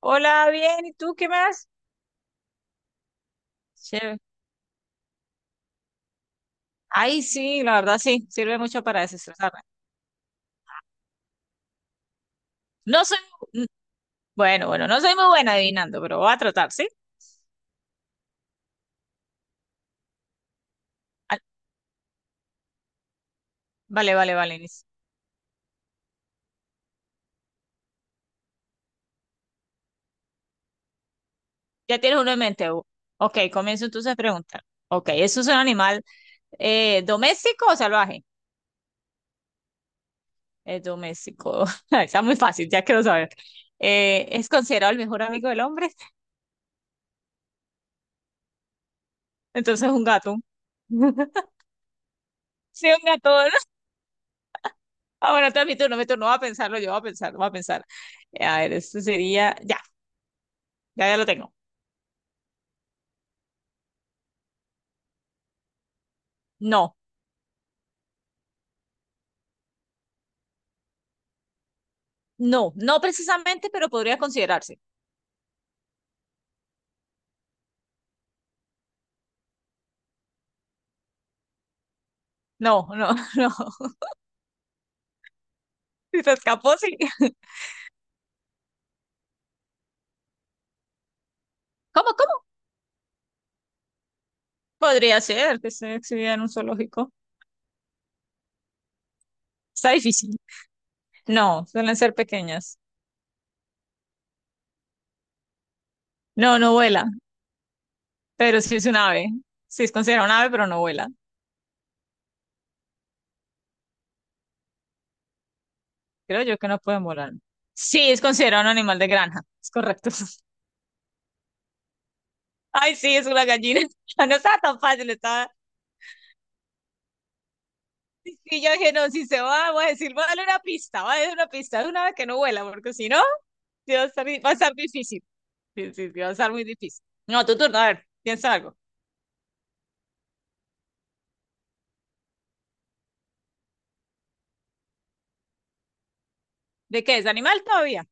Hola, bien, ¿y tú qué más? Chévere. Ay, sí, la verdad sí, sirve mucho para desestresarme. No soy, mm, bueno, bueno, No soy muy buena adivinando, pero voy a tratar, ¿sí? Ah, Vale, vale, vale. Liz. Ya tienes uno en mente. Hugo. Ok, comienzo entonces a preguntar. Ok, ¿eso es un animal doméstico o salvaje? Es doméstico. Ay, está muy fácil, ya quiero saber. ¿Es considerado el mejor amigo del hombre? Entonces un gato. Sí, un gato. Ah, bueno, entonces mi turno, mi turno. Voy a pensarlo, yo voy a pensar, voy a pensar. A ver, esto sería. Ya, ya lo tengo. No, no, no precisamente, pero podría considerarse. No, no, no. Si se escapó, sí. ¿Cómo, cómo? Podría ser que se exhibida en un zoológico. Está difícil. No, suelen ser pequeñas. No, no vuela, pero sí es un ave. Sí es considerado un ave, pero no vuela. Creo yo que no pueden volar. Sí, es considerado un animal de granja. Es correcto. Ay, sí, es una gallina. No estaba tan fácil, estaba. Y yo dije, no, si se va, voy a decir, voy a darle una pista de una vez que no vuela, porque si no, sí va a estar, va a estar difícil. Sí, sí, sí, va a estar muy difícil. No, tu turno, a ver, piensa algo. ¿De qué es? ¿Animal todavía?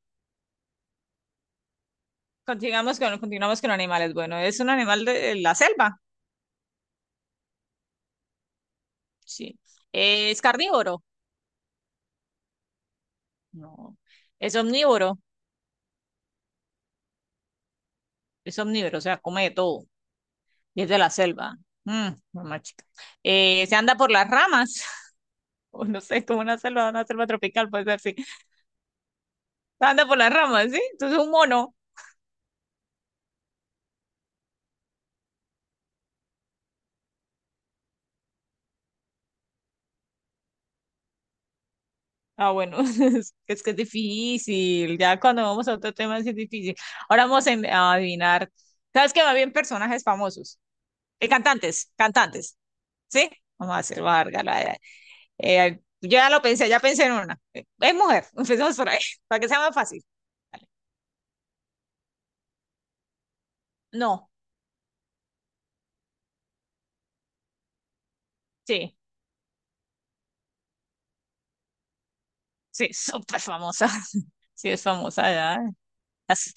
Continuamos con animales. Bueno, ¿es un animal de la selva? Sí. ¿Es carnívoro? No. ¿Es omnívoro? Es omnívoro, o sea, come de todo. Y es de la selva. Mm, mamá chica. ¿Se anda por las ramas? o no sé, como una selva tropical, puede ser, sí. Se anda por las ramas, ¿sí? Entonces es un mono. Ah, bueno, es que es difícil. Ya cuando vamos a otro tema sí es difícil. Ahora vamos a adivinar. ¿Sabes qué? Va bien personajes famosos. Cantantes, cantantes. ¿Sí? Vamos a hacer larga. Yo ya lo pensé, ya pensé en una. Es mujer, empecemos por ahí, para que sea más fácil. Dale. No, sí, sí, súper famosa. Sí, es famosa ya. Así-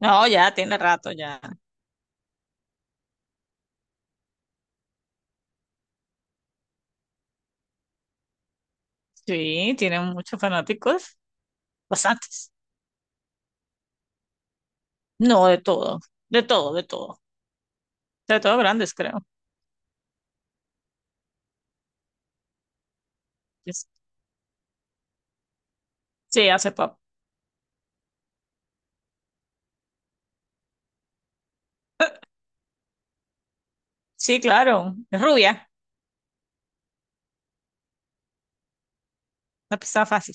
No, ya tiene rato ya. Sí, tiene muchos fanáticos, bastantes. No, de todo, de todo, de todo. Sobre todo grandes, creo. Es- Sí, hace pop. Sí, claro. Es rubia. La pista fácil.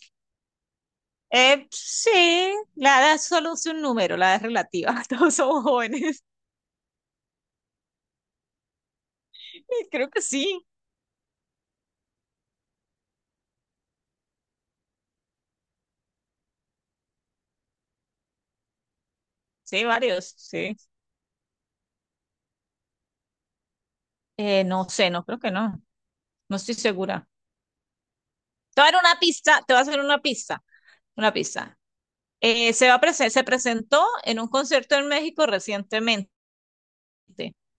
Sí, la edad solo es un número, la edad es relativa. Todos somos jóvenes. Creo que sí. Sí, varios, sí. No sé, no creo que no. No estoy segura. Te voy a dar una pista, te voy a hacer una pista. Una pista. Se presentó en un concierto en México recientemente.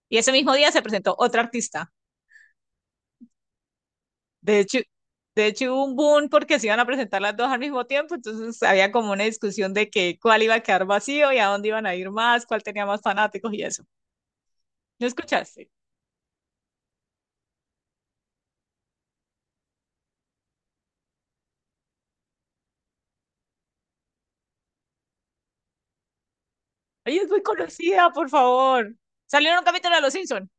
Y ese mismo día se presentó otra artista. De hecho, de hecho hubo un boom porque se iban a presentar las dos al mismo tiempo, entonces había como una discusión de que cuál iba a quedar vacío y a dónde iban a ir más, cuál tenía más fanáticos y eso. ¿No escuchaste? Ella es muy conocida, por favor. Salió en un capítulo de Los Simpson.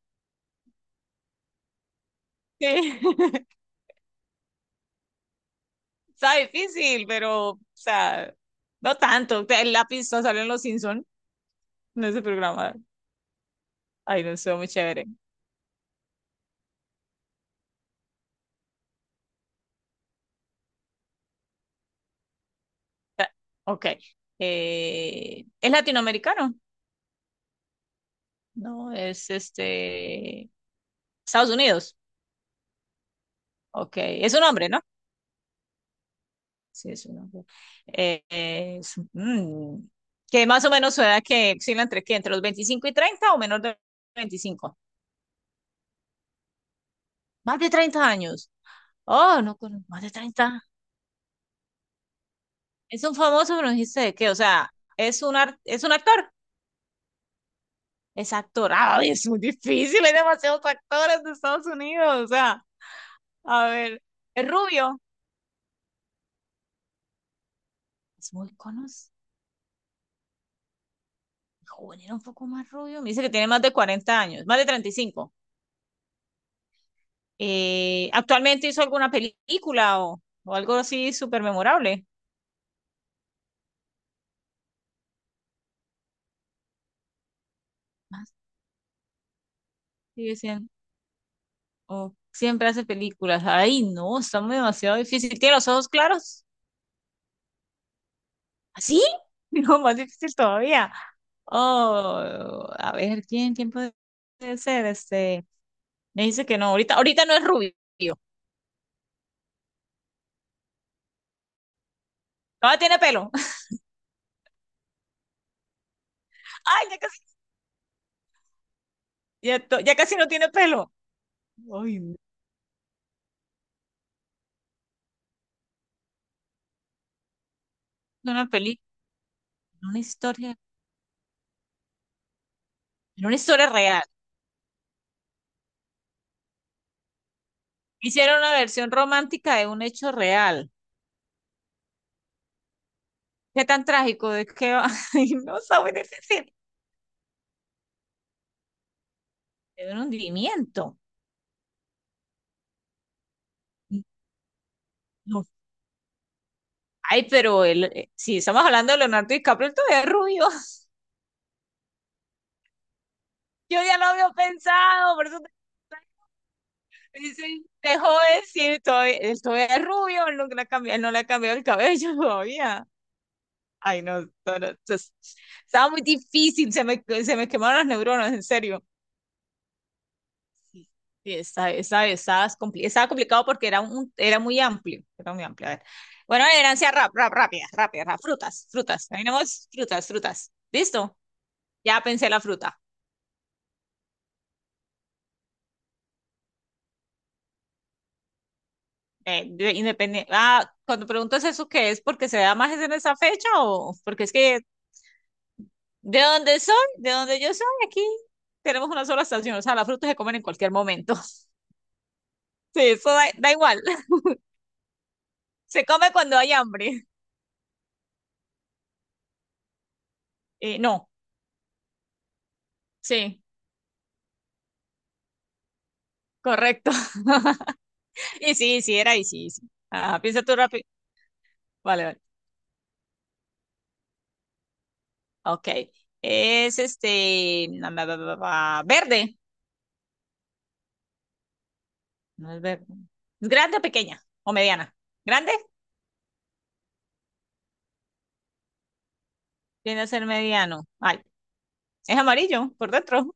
Sí. Está difícil, pero, o sea, no tanto. El pista salió en Los Simpson en ese programa. Ay, no estuvo muy chévere. Ok. ¿Es latinoamericano? No, es este... Estados Unidos. Ok, es un hombre, ¿no? Sí, es un hombre. Eh, eh, es- mm, que más o menos su edad que oscila entre qué, entre los 25 y 30 o menor de 25. Más de 30 años. Oh, no, más de 30. Es un famoso, pero no dijiste de qué, o sea, es un, es un actor. Es actor. Ay, es muy difícil, hay demasiados actores de Estados Unidos, o sea, a ver, es rubio. Es muy conocido. Joven, era un poco más rubio. Me dice que tiene más de 40 años, más de 35. ¿Actualmente hizo alguna película o algo así súper memorable? Ah, sigue siendo, o siempre hace películas. Ay, no, está muy demasiado difícil. ¿Tiene los ojos claros? ¿Así? No, más difícil todavía. Oh, a ver, ¿quién, quién puede ser? Este, me dice que no, ahorita, ahorita no es rubio. Todavía tiene pelo. Ay, ya casi, ya, ya casi no tiene pelo. Ay, no. Una película, una historia, una historia real. Hicieron una versión romántica de un hecho real. ¿Qué tan trágico? Es que ay, no sabe decir. Es un hundimiento. No. Ay, pero él si estamos hablando de Leonardo DiCaprio, él todavía es rubio. Yo ya lo había pensado, por eso me dicen, de joven, sí, todavía, él todavía es rubio, él no le ha cambiado, él no le ha cambiado el cabello todavía. Ay, no, no, no, entonces, estaba muy difícil, se me quemaron las neuronas, en serio. Sí, sí, esa es estaba complicado porque era, un, era muy amplio, era muy amplio. A ver. Bueno, la herencia rápida, rápida, rap. Frutas, frutas. Tenemos frutas, frutas. ¿Listo? Ya pensé la fruta. Independiente. Ah, cuando preguntas eso, ¿qué es? ¿Porque se da más en esa fecha o porque es que de dónde soy, de dónde yo soy, aquí tenemos una sola estación. O sea, las frutas se comen en cualquier momento. Sí, eso da, da igual. Se come cuando hay hambre. No, sí, correcto. Y sí, sí, era y sí, sí. Ah, piensa tú rápido. Vale, vale. Ok. Es este. Na, na, na, na, na, verde. No es verde. ¿Es grande o pequeña? ¿O mediana? ¿Grande? Tiene a ser mediano. Ay, es amarillo por dentro.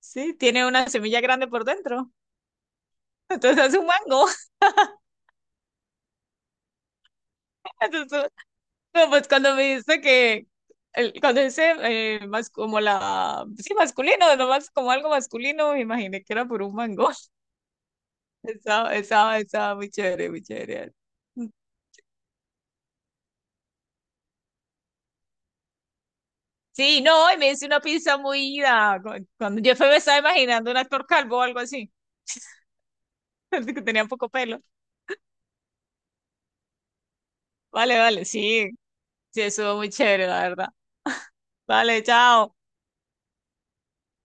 Sí, tiene una semilla grande por dentro. Entonces es un mango. Entonces, no, pues cuando me dice que. Cuando dice más como la. Sí, masculino, nomás como algo masculino, me imaginé que era por un mango. Estaba, estaba, estaba muy chévere, muy chévere. Sí, no, y me hice una pizza muy ida. Cuando yo fui, me estaba imaginando un actor calvo o algo así, que tenía poco pelo. Vale, vale, sí, sí, estuvo muy chévere, la verdad. Vale, chao.